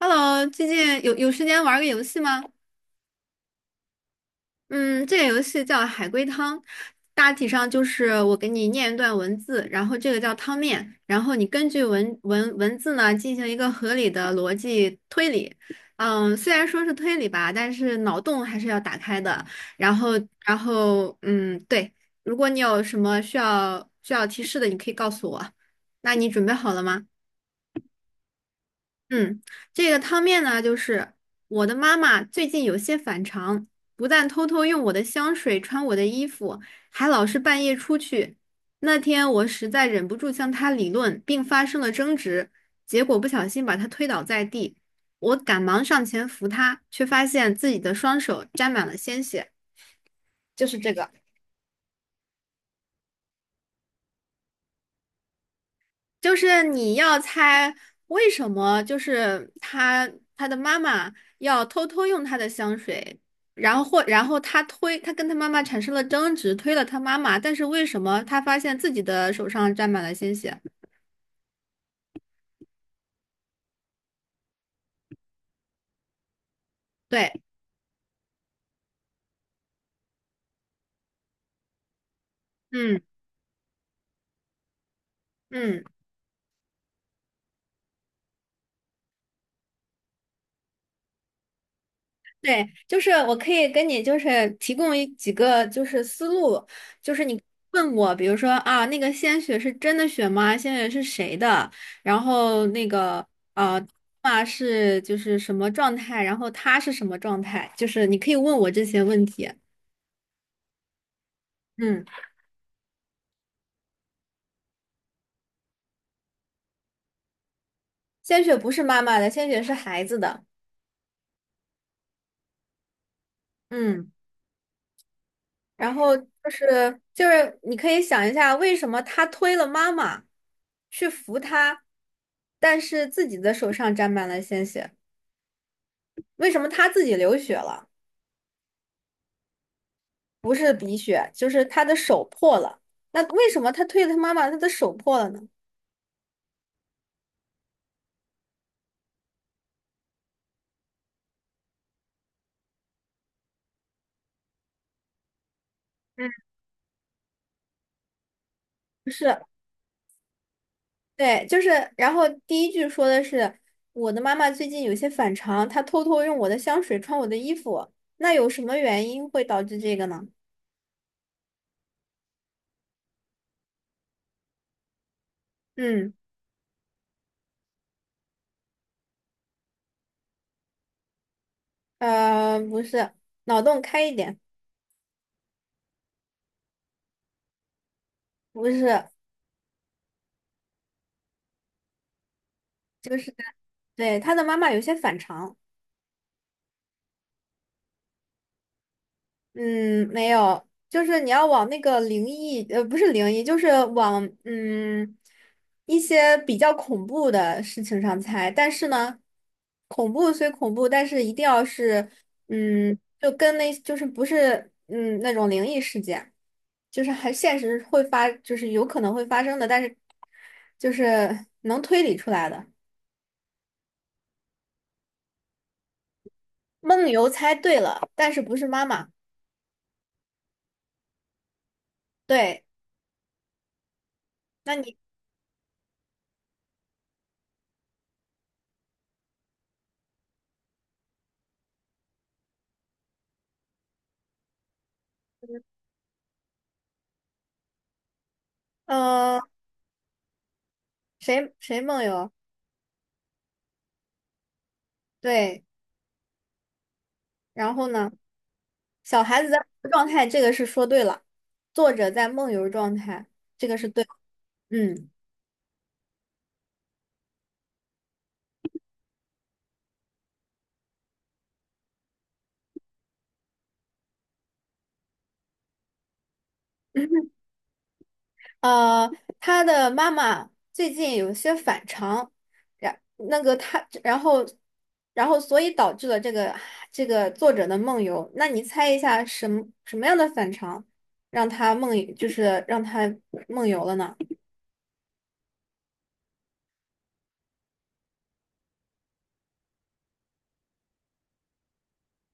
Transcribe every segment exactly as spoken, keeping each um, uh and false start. Hello，最近有有时间玩个游戏吗？嗯，这个游戏叫海龟汤，大体上就是我给你念一段文字，然后这个叫汤面，然后你根据文文文字呢进行一个合理的逻辑推理。嗯，虽然说是推理吧，但是脑洞还是要打开的。然后，然后，嗯，对，如果你有什么需要需要提示的，你可以告诉我。那你准备好了吗？嗯，这个汤面呢，就是我的妈妈最近有些反常，不但偷偷用我的香水穿我的衣服，还老是半夜出去。那天我实在忍不住向她理论，并发生了争执，结果不小心把她推倒在地。我赶忙上前扶她，却发现自己的双手沾满了鲜血。就是这个。就是你要猜为什么，就是他他的妈妈要偷偷用他的香水，然后或然后他推他跟他妈妈产生了争执，推了他妈妈，但是为什么他发现自己的手上沾满了鲜血？对，嗯嗯。对，就是我可以跟你就是提供一几个就是思路，就是你问我，比如说啊，那个鲜血是真的血吗？鲜血是谁的？然后那个呃，啊是就是什么状态？然后他是什么状态？就是你可以问我这些问题。嗯，鲜血不是妈妈的，鲜血是孩子的。嗯。然后就是就是你可以想一下，为什么他推了妈妈去扶他，但是自己的手上沾满了鲜血？为什么他自己流血了？不是鼻血，就是他的手破了。那为什么他推了他妈妈，他的手破了呢？嗯，不是，对，就是，然后第一句说的是我的妈妈最近有些反常，她偷偷用我的香水穿我的衣服，那有什么原因会导致这个呢？嗯，呃，不是，脑洞开一点。不是，就是对他的妈妈有些反常。嗯，没有，就是你要往那个灵异，呃，不是灵异，就是往嗯一些比较恐怖的事情上猜。但是呢，恐怖虽恐怖，但是一定要是嗯，就跟那就是不是嗯那种灵异事件，就是还现实会发，就是有可能会发生的，但是就是能推理出来的。梦游猜对了，但是不是妈妈。对。那你，呃，谁谁梦游？对，然后呢？小孩子在梦游状态，这个是说对了。作者在梦游状态，这个是对的。嗯。呃，他的妈妈最近有些反常，然那个他，然后，然后所以导致了这个这个作者的梦游。那你猜一下什么什么样的反常让他梦，就是让他梦游了呢？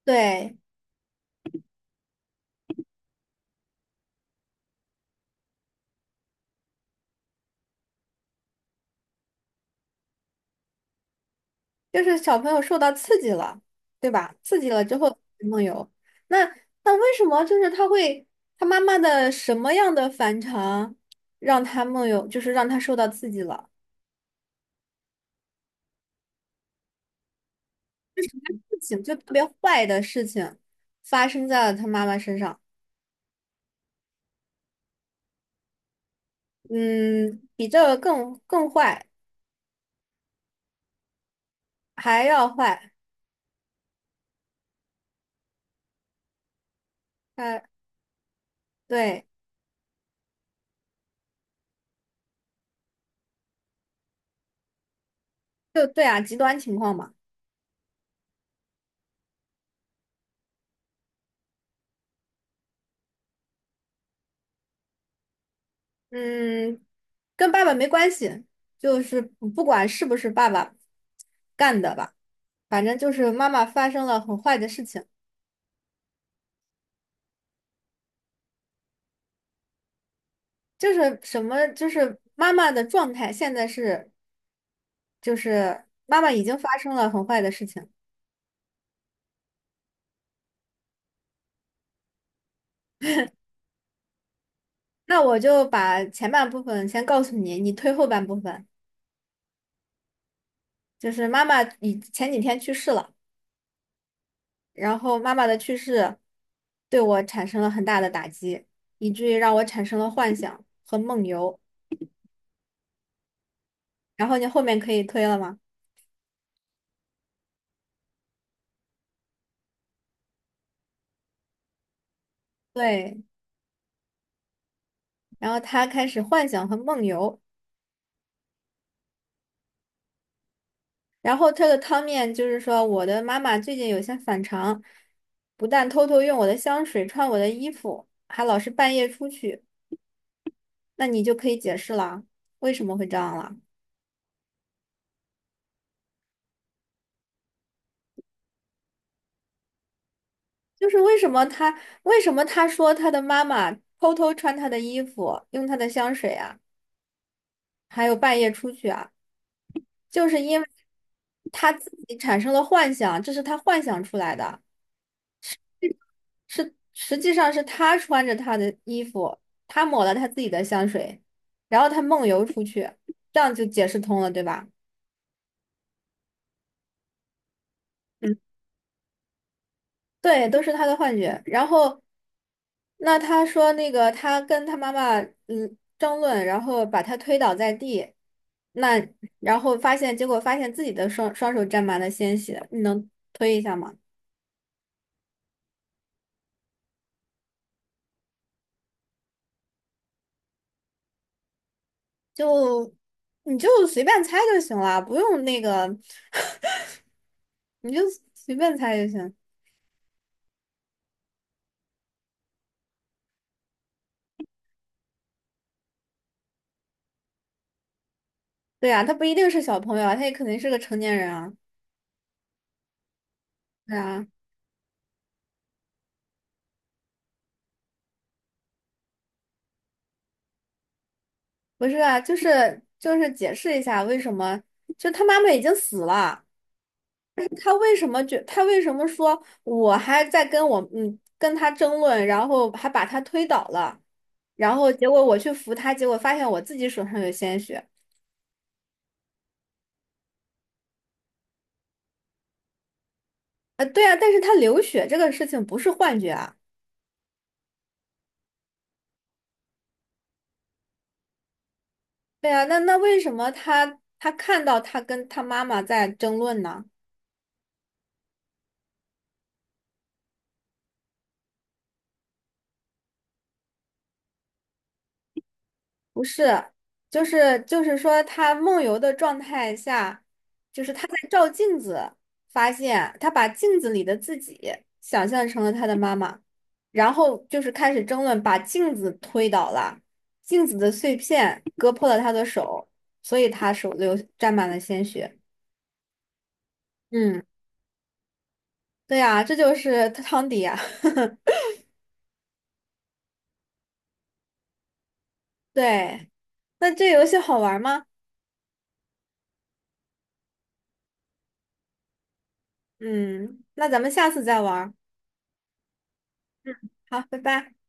对。就是小朋友受到刺激了，对吧？刺激了之后梦游，那那为什么就是他会他妈妈的什么样的反常让他梦游，就是让他受到刺激了？不仅就特别坏的事情发生在了他妈妈身上，嗯，比这个更更坏还要坏，呃，对，就对啊，极端情况嘛。嗯，跟爸爸没关系，就是不不管是不是爸爸干的吧，反正就是妈妈发生了很坏的事情，就是什么，就是妈妈的状态现在是，就是妈妈已经发生了很坏的事情。那我就把前半部分先告诉你，你推后半部分。就是妈妈以前几天去世了，然后妈妈的去世对我产生了很大的打击，以至于让我产生了幻想和梦游。然后你后面可以推了吗？对，然后他开始幻想和梦游，然后他的汤面就是说，我的妈妈最近有些反常，不但偷偷用我的香水、穿我的衣服，还老是半夜出去，那你就可以解释了，为什么会这样了？就是为什么他为什么他说他的妈妈偷偷穿他的衣服，用他的香水啊，还有半夜出去啊，就是因为他自己产生了幻想，这是他幻想出来的。是实际上是他穿着他的衣服，他抹了他自己的香水，然后他梦游出去，这样就解释通了，对吧？嗯，对，都是他的幻觉。然后那他说那个他跟他妈妈嗯争论，然后把他推倒在地，那然后发现结果发现自己的双双手沾满了鲜血，你能推一下吗？就你就随便猜就行了，不用那个，你就随便猜就行。对呀，他不一定是小朋友啊，他也肯定是个成年人啊。对啊，不是啊，就是就是解释一下为什么，就他妈妈已经死了，但是他为什么觉，他为什么说我还在跟我嗯跟他争论，然后还把他推倒了，然后结果我去扶他，结果发现我自己手上有鲜血。呃，对啊，但是他流血这个事情不是幻觉啊。对啊，那那为什么他他看到他跟他妈妈在争论呢？不是，就是就是说，他梦游的状态下，就是他在照镜子，发现他把镜子里的自己想象成了他的妈妈，然后就是开始争论，把镜子推倒了，镜子的碎片割破了他的手，所以他手流沾满了鲜血。嗯，对呀，这就是汤迪呀。对，那这游戏好玩吗？嗯，那咱们下次再玩儿好，拜拜。